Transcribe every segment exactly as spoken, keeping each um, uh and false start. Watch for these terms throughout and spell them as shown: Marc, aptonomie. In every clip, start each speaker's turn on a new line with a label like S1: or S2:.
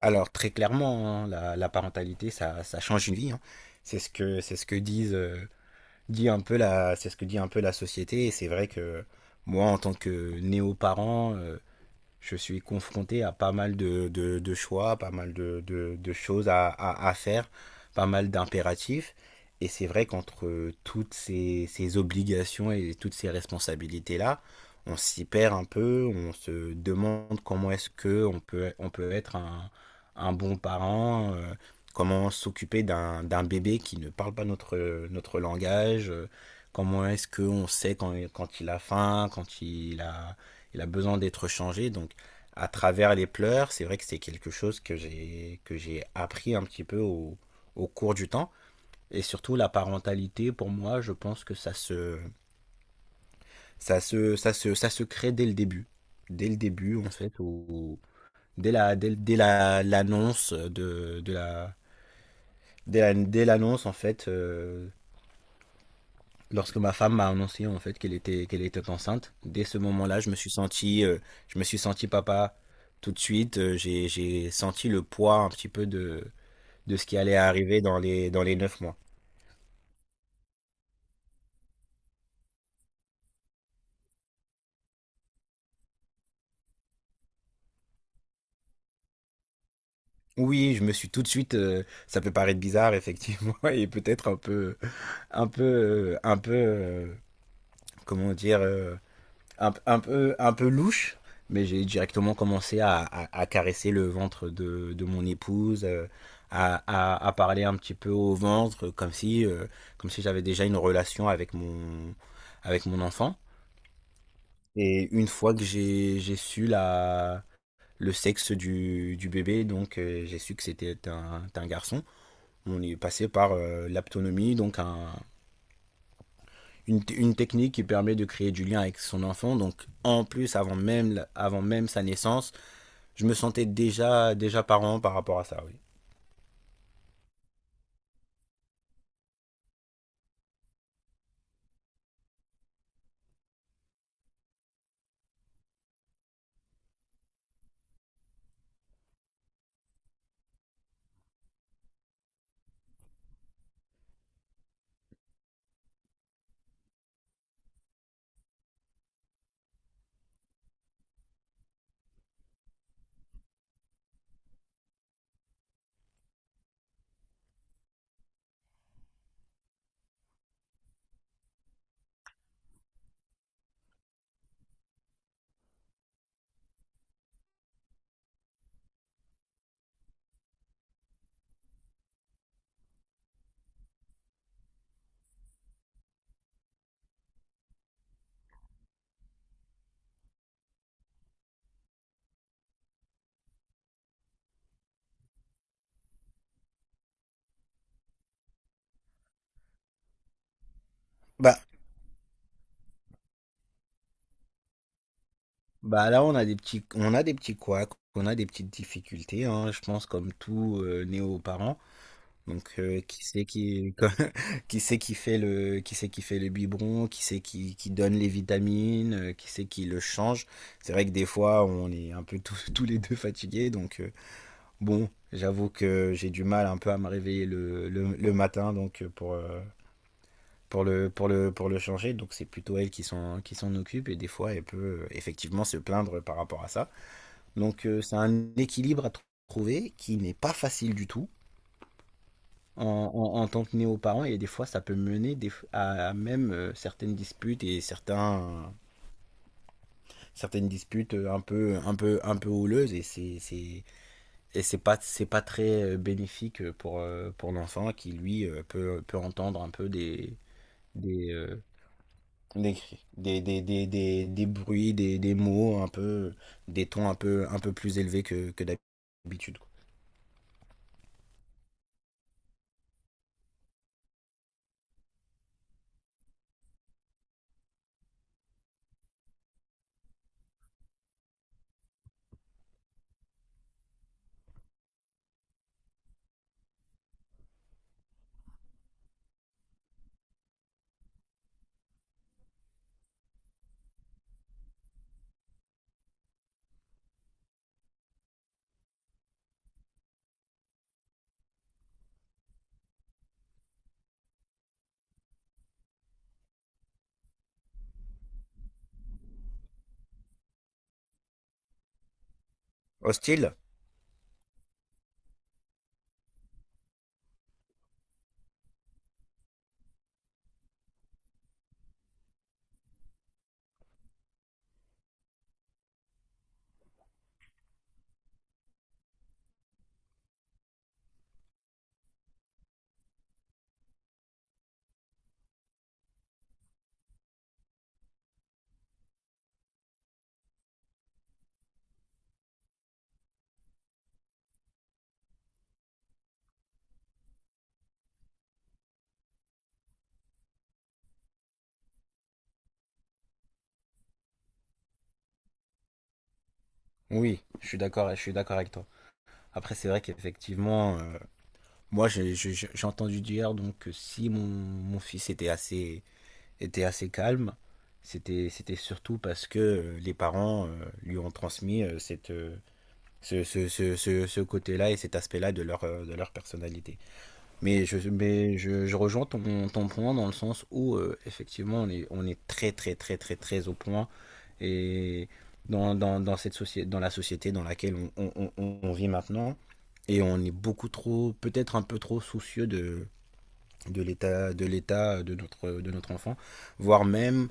S1: Alors très clairement, hein, la, la parentalité, ça, ça change une vie, hein. C'est ce que c'est ce que disent euh, dit un peu la c'est ce que dit un peu la société. Et c'est vrai que moi, en tant que néo-parent, euh, je suis confronté à pas mal de, de, de choix, pas mal de, de, de choses à, à, à faire, pas mal d'impératifs. Et c'est vrai qu'entre toutes ces, ces obligations et toutes ces responsabilités-là, on s'y perd un peu, on se demande comment est-ce que on peut, on peut être un, un bon parent, euh, comment s'occuper d'un, d'un bébé qui ne parle pas notre, notre langage, euh, comment est-ce qu'on sait quand, quand il a faim, quand il a, il a besoin d'être changé. Donc à travers les pleurs, c'est vrai que c'est quelque chose que j'ai que j'ai appris un petit peu au, au cours du temps. Et surtout la parentalité, pour moi, je pense que ça se ça se ça se ça se crée dès le début, dès le début en fait, ou dès la dès, dès la l'annonce de de la dès la- dès l'annonce en fait. euh, Lorsque ma femme m'a annoncé en fait qu'elle était qu'elle était enceinte, dès ce moment-là, je me suis senti euh, je me suis senti papa tout de suite. euh, j'ai j'ai senti le poids un petit peu de de ce qui allait arriver dans les, dans les neuf mois. Oui, je me suis tout de suite. Euh, ça peut paraître bizarre, effectivement, et peut-être un peu, un peu, euh, un peu, euh, comment dire, euh, un, un peu, un peu louche. Mais j'ai directement commencé à, à- à caresser le ventre de, de mon épouse, euh, à, à- à parler un petit peu au ventre, comme si, euh, comme si j'avais déjà une relation avec mon, avec mon enfant. Et une fois que j'ai, j'ai su la, le sexe du, du bébé, donc euh, j'ai su que c'était un, un garçon. On est passé par euh, l'aptonomie, donc un, une, une technique qui permet de créer du lien avec son enfant. Donc en plus, avant même, avant même sa naissance, je me sentais déjà, déjà parent par rapport à ça, oui. Bah, bah là, on a des petits, on a des petits couacs, on a des petites difficultés, hein, je pense, comme tout euh, néo-parent. Donc euh, qui c'est qui qui c'est qui fait le qui c'est qui fait le biberon, qui c'est qui, qui donne les vitamines, euh, qui c'est qui le change. C'est vrai que des fois on est un peu tous, tous les deux fatigués donc euh, bon, j'avoue que j'ai du mal un peu à me réveiller le, le, le matin donc euh, pour euh, pour le pour le pour le changer, donc c'est plutôt elle qui s'en qui s'en occupe et des fois elle peut euh, effectivement se plaindre par rapport à ça. Donc euh, c'est un équilibre à tr- trouver qui n'est pas facile du tout en, en- en tant que néo-parent, et des fois ça peut mener des, à, à même euh, certaines disputes et certains, certaines disputes euh, un peu, un peu, un peu houleuses et c'est, c'est, et c'est pas, c'est pas très euh, bénéfique euh, pour, euh, pour l'enfant, qui lui euh, peut, peut entendre un peu des, des, euh, des, cris, des, des, des, des, des bruits, des, des mots un peu, des tons un peu, un peu plus élevés que, que d'habitude, quoi. Hostile? Oui, je suis d'accord, je suis d'accord avec toi. Après, c'est vrai qu'effectivement, euh, moi, j'ai j'ai- j'ai j'ai entendu dire donc que si mon, mon fils était assez, était assez calme, c'était, c'était surtout parce que euh, les parents euh, lui ont transmis euh, cette, euh, ce, ce, ce, ce, ce côté-là et cet aspect-là de leur, euh, de leur personnalité. Mais je, mais je, je rejoins ton, ton point dans le sens où, euh, effectivement, on est, on est très, très, très, très, très au point. Et dans, dans, dans cette société, dans la société dans laquelle on, on, on on vit maintenant, et on est beaucoup trop, peut-être un peu trop soucieux de, de l'état de l'état euh, de notre de notre enfant, voire même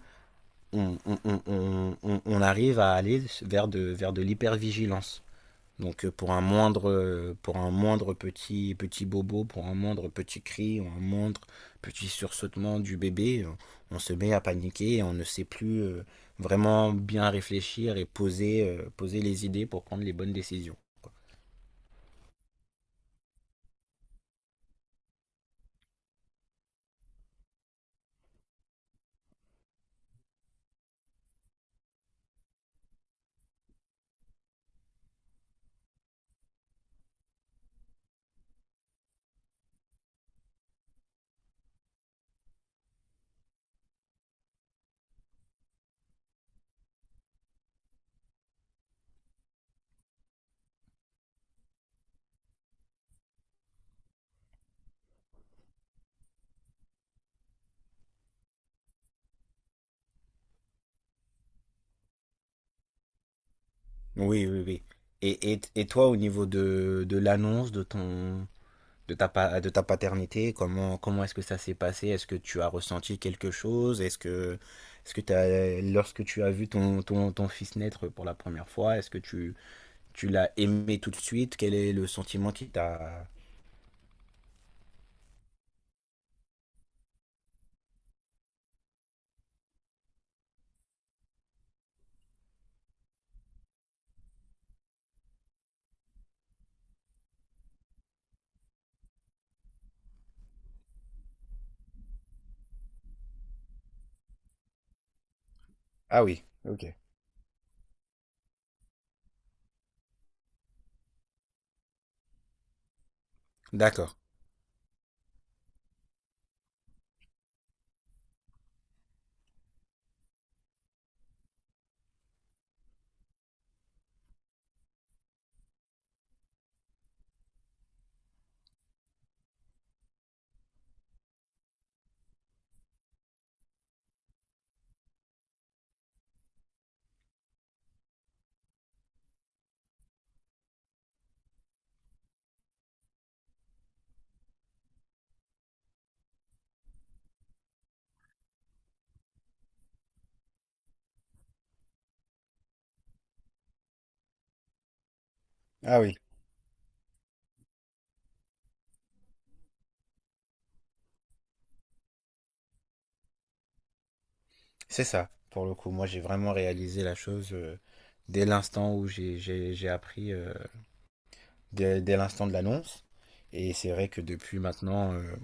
S1: on, on, on, on on arrive à aller vers de vers de l'hypervigilance, donc euh, pour un moindre euh, pour un moindre petit petit bobo, pour un moindre petit cri ou un moindre petit sursautement du bébé on se met à paniquer et on ne sait plus euh, vraiment bien réfléchir et poser euh, poser les idées pour prendre les bonnes décisions. Oui oui oui Et, et, et toi, au niveau de, de l'annonce de ton de ta, pa- de ta paternité, comment, comment est-ce que ça s'est passé? Est-ce que tu as ressenti quelque chose? Est-ce que, est-ce que t'as- lorsque tu as vu ton, ton, ton fils naître pour la première fois, est-ce que tu, tu l'as aimé tout de suite? Quel est le sentiment qui t'a... Ah oui, ok. D'accord. Ah oui, c'est ça, pour le coup. Moi, j'ai vraiment réalisé la chose euh, dès l'instant où j'ai, j'ai, j'ai appris, euh, dès, dès l'instant de l'annonce. Et c'est vrai que depuis maintenant, euh,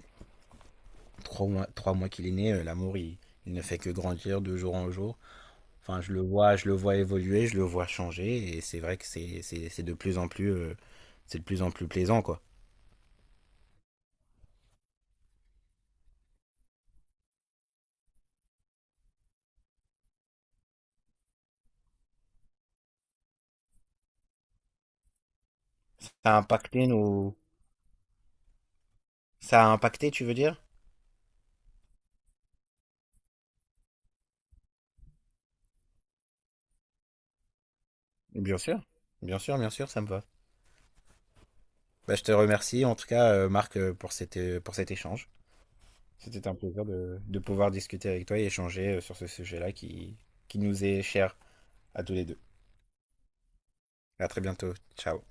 S1: trois mois, trois mois qu'il est né, euh, l'amour, il, il ne fait que grandir de jour en jour. Enfin, je le vois, je le vois évoluer, je le vois changer, et c'est vrai que c'est, c'est, c'est de plus en plus, euh, c'est de plus en plus plaisant, quoi. Ça a impacté nos, ça a impacté, tu veux dire? Bien sûr, bien sûr, bien sûr, ça me va. Bah, je te remercie, en tout cas, euh, Marc, euh, pour cette euh, pour cet échange. C'était un plaisir de, de pouvoir discuter avec toi et échanger euh, sur ce sujet-là qui, qui nous est cher à tous les deux. À très bientôt. Ciao.